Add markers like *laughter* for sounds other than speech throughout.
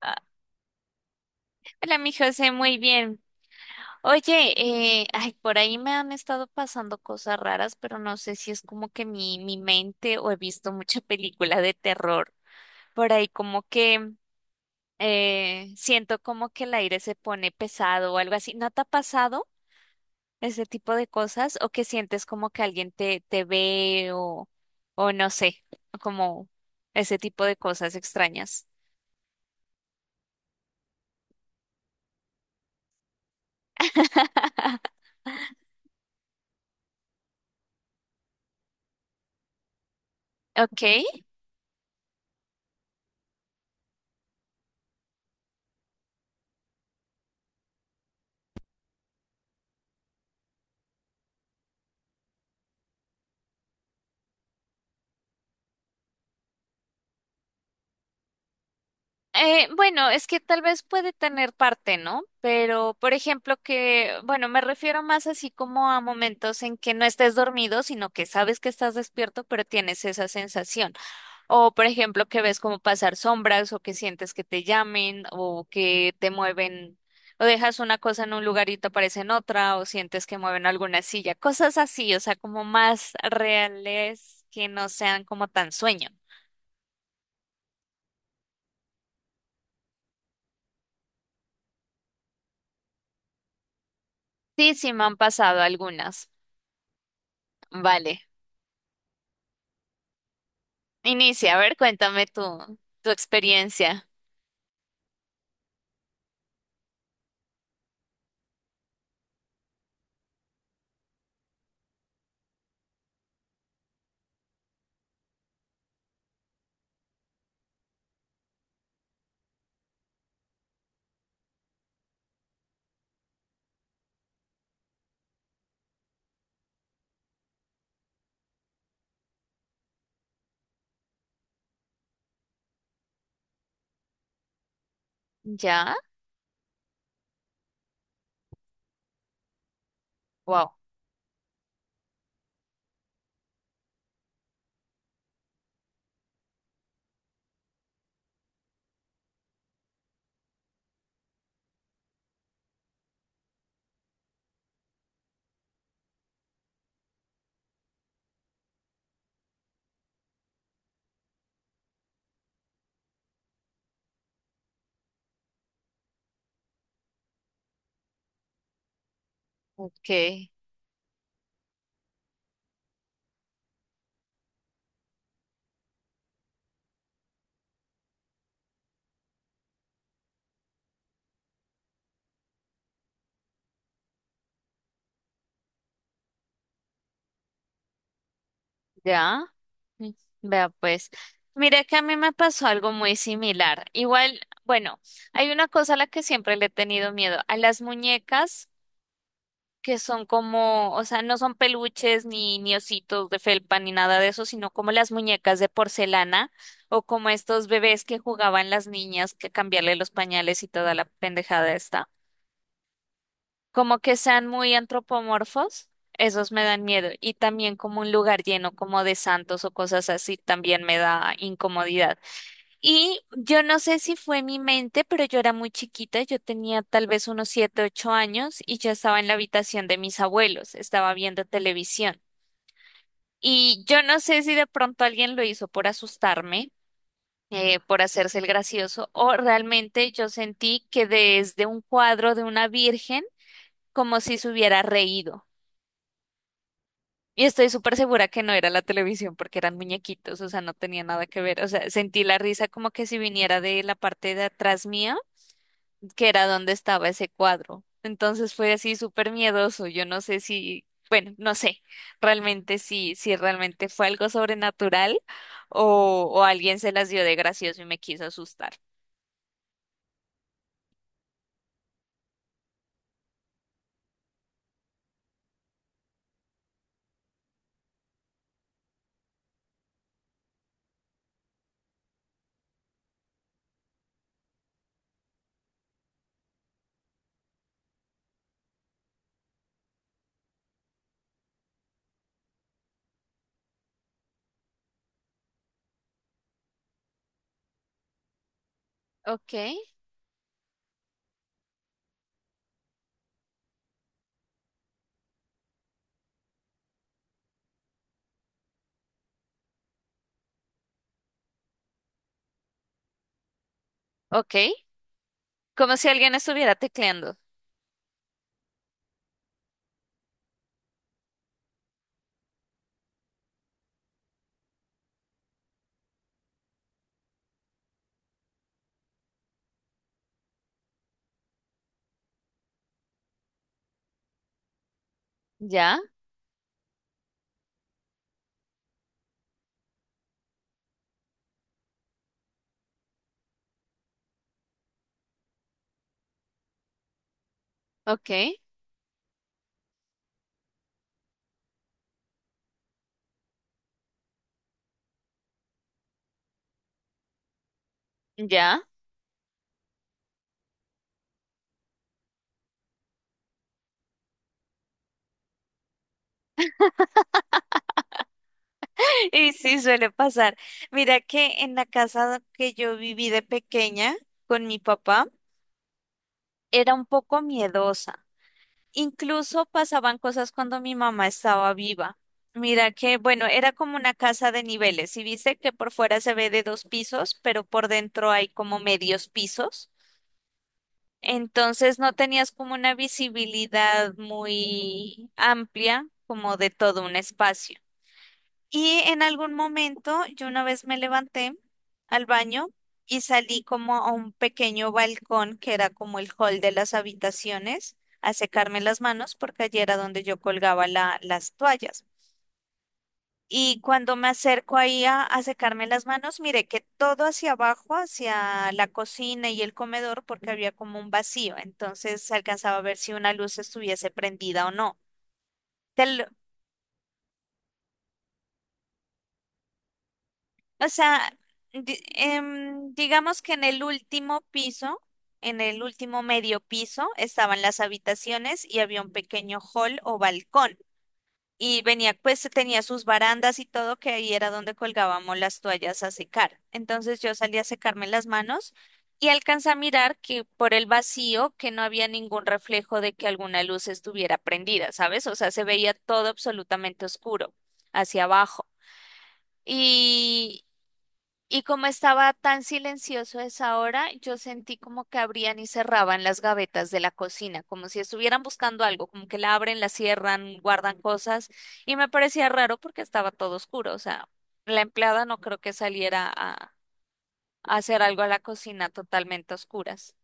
Ah, hola, mi José, muy bien. Oye, ay, por ahí me han estado pasando cosas raras, pero no sé si es como que mi mente o he visto mucha película de terror. Por ahí como que siento como que el aire se pone pesado o algo así. ¿No te ha pasado ese tipo de cosas? ¿O que sientes como que alguien te ve o no sé, como ese tipo de cosas extrañas? *laughs* Ok. Bueno, es que tal vez puede tener parte, ¿no? Pero, por ejemplo, que, bueno, me refiero más así como a momentos en que no estés dormido, sino que sabes que estás despierto, pero tienes esa sensación. O, por ejemplo, que ves como pasar sombras o que sientes que te llamen o que te mueven o dejas una cosa en un lugar y te aparece en otra o sientes que mueven alguna silla. Cosas así, o sea, como más reales que no sean como tan sueño. Sí, sí, me han pasado algunas. Vale. Inicia, a ver, cuéntame tu, tu experiencia. ¿Ya? Wow. Ok, ya. Mm, vea pues. Mira que a mí me pasó algo muy similar. Igual, bueno, hay una cosa a la que siempre le he tenido miedo, a las muñecas que son como, o sea, no son peluches ni, ni ositos de felpa ni nada de eso, sino como las muñecas de porcelana o como estos bebés que jugaban las niñas que cambiarle los pañales y toda la pendejada esta. Como que sean muy antropomorfos, esos me dan miedo. Y también como un lugar lleno como de santos o cosas así, también me da incomodidad. Y yo no sé si fue mi mente, pero yo era muy chiquita, yo tenía tal vez unos siete, ocho años y ya estaba en la habitación de mis abuelos, estaba viendo televisión. Y yo no sé si de pronto alguien lo hizo por asustarme, por hacerse el gracioso, o realmente yo sentí que desde un cuadro de una virgen, como si se hubiera reído. Y estoy súper segura que no era la televisión porque eran muñequitos, o sea, no tenía nada que ver. O sea, sentí la risa como que si viniera de la parte de atrás mía, que era donde estaba ese cuadro. Entonces fue así súper miedoso. Yo no sé si, bueno, no sé realmente si, si realmente fue algo sobrenatural o alguien se las dio de gracioso y me quiso asustar. Ok, ok. Como si alguien estuviera tecleando. Ya, ok, ya. *laughs* Y sí, suele pasar. Mira que en la casa que yo viví de pequeña con mi papá, era un poco miedosa. Incluso pasaban cosas cuando mi mamá estaba viva. Mira que, bueno, era como una casa de niveles. Y viste que por fuera se ve de dos pisos, pero por dentro hay como medios pisos. Entonces no tenías como una visibilidad muy amplia, como de todo un espacio. Y en algún momento yo una vez me levanté al baño y salí como a un pequeño balcón que era como el hall de las habitaciones a secarme las manos porque allí era donde yo colgaba las toallas. Y cuando me acerco ahí a secarme las manos, miré que todo hacia abajo, hacia la cocina y el comedor, porque había como un vacío, entonces se alcanzaba a ver si una luz estuviese prendida o no. Te lo- O sea, digamos que en el último piso, en el último medio piso, estaban las habitaciones y había un pequeño hall o balcón. Y venía, pues tenía sus barandas y todo, que ahí era donde colgábamos las toallas a secar. Entonces yo salí a secarme las manos y alcancé a mirar que por el vacío que no había ningún reflejo de que alguna luz estuviera prendida, ¿sabes? O sea, se veía todo absolutamente oscuro hacia abajo. Y como estaba tan silencioso a esa hora, yo sentí como que abrían y cerraban las gavetas de la cocina, como si estuvieran buscando algo, como que la abren, la cierran, guardan cosas. Y me parecía raro porque estaba todo oscuro. O sea, la empleada no creo que saliera a hacer algo a la cocina totalmente a oscuras.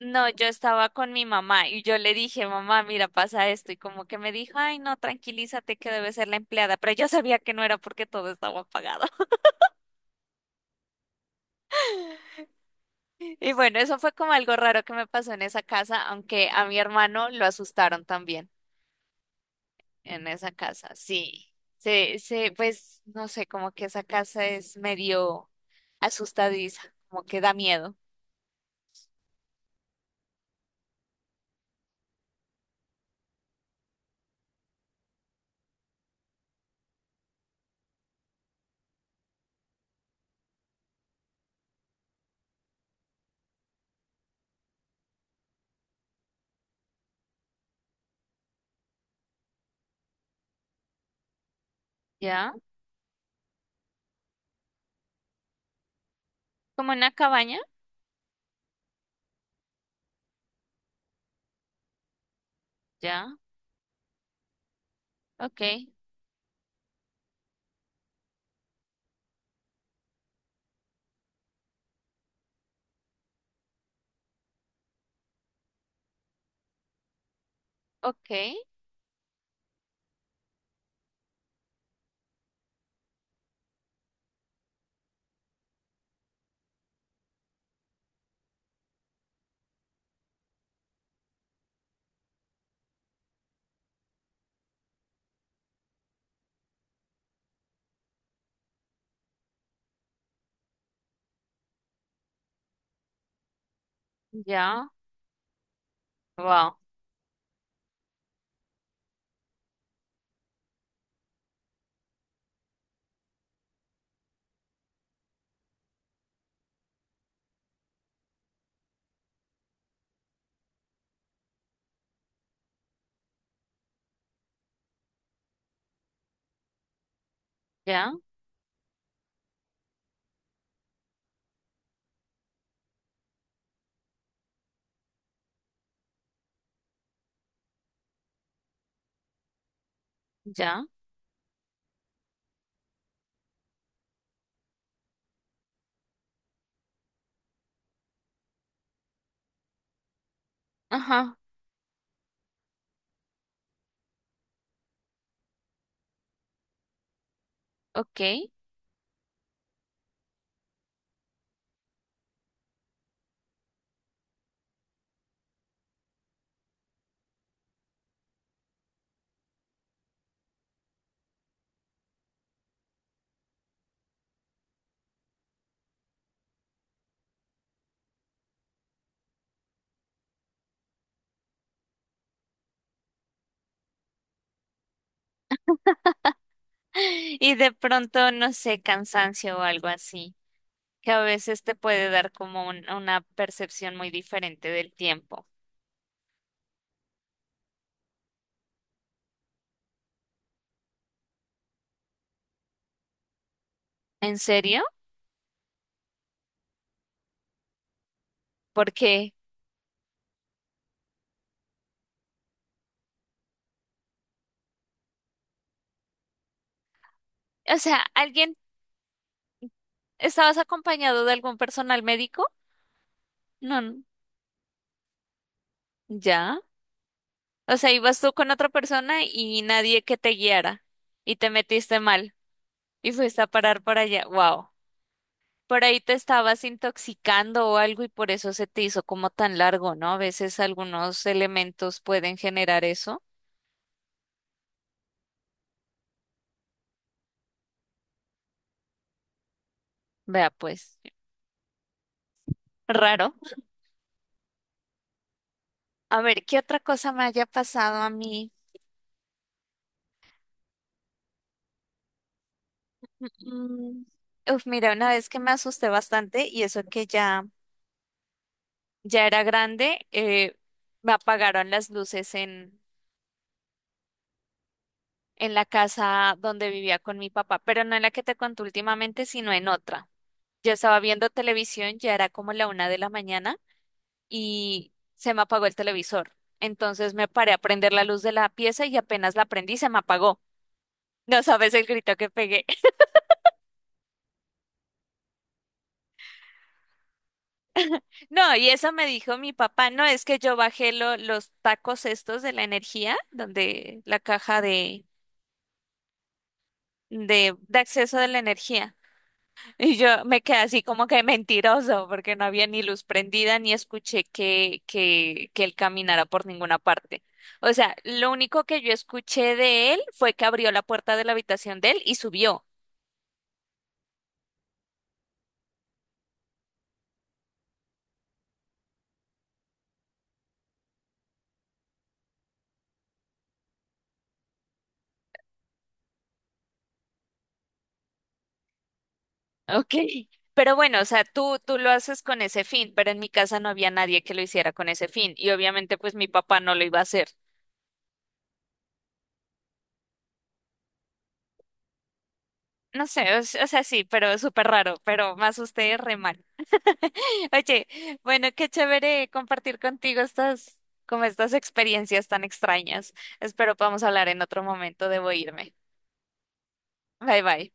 No, yo estaba con mi mamá y yo le dije, mamá, mira, pasa esto. Y como que me dijo, ay, no, tranquilízate que debe ser la empleada. Pero yo sabía que no era porque todo estaba apagado. Y bueno, eso fue como algo raro que me pasó en esa casa, aunque a mi hermano lo asustaron también en esa casa. Sí, sí, sí, pues no sé, como que esa casa es medio asustadiza, como que da miedo. ¿Ya? ¿Como una cabaña? Ya, ok, ok, ya, wow, ya, ya, ajá, ok. *gasps* *laughs* Y de pronto, no sé, cansancio o algo así, que a veces te puede dar como una percepción muy diferente del tiempo. ¿En serio? ¿Por qué? O sea, ¿alguien estabas acompañado de algún personal médico? No, n- ya. O sea, ibas tú con otra persona y nadie que te guiara y te metiste mal y fuiste a parar por allá. Wow. Por ahí te estabas intoxicando o algo y por eso se te hizo como tan largo, ¿no? A veces algunos elementos pueden generar eso. Vea pues, raro. A ver, ¿qué otra cosa me haya pasado a mí? Mm, uf, mira, una vez que me asusté bastante y eso que ya, ya era grande, me apagaron las luces en la casa donde vivía con mi papá, pero no en la que te conté últimamente, sino en otra. Yo estaba viendo televisión, ya era como la una de la mañana y se me apagó el televisor. Entonces me paré a prender la luz de la pieza y apenas la prendí se me apagó. No sabes el grito que pegué. No, y eso me dijo mi papá, no, es que yo bajé los tacos estos de la energía, donde la caja de acceso de la energía. Y yo me quedé así como que mentiroso, porque no había ni luz prendida, ni escuché que él caminara por ninguna parte. O sea, lo único que yo escuché de él fue que abrió la puerta de la habitación de él y subió. Ok. Pero bueno, o sea, tú lo haces con ese fin, pero en mi casa no había nadie que lo hiciera con ese fin y obviamente pues mi papá no lo iba a hacer. No sé, o sea, sí, pero súper raro, pero me asusté re mal. *laughs* Oye, bueno, qué chévere compartir contigo estas, como estas experiencias tan extrañas. Espero podamos hablar en otro momento. Debo irme. Bye bye.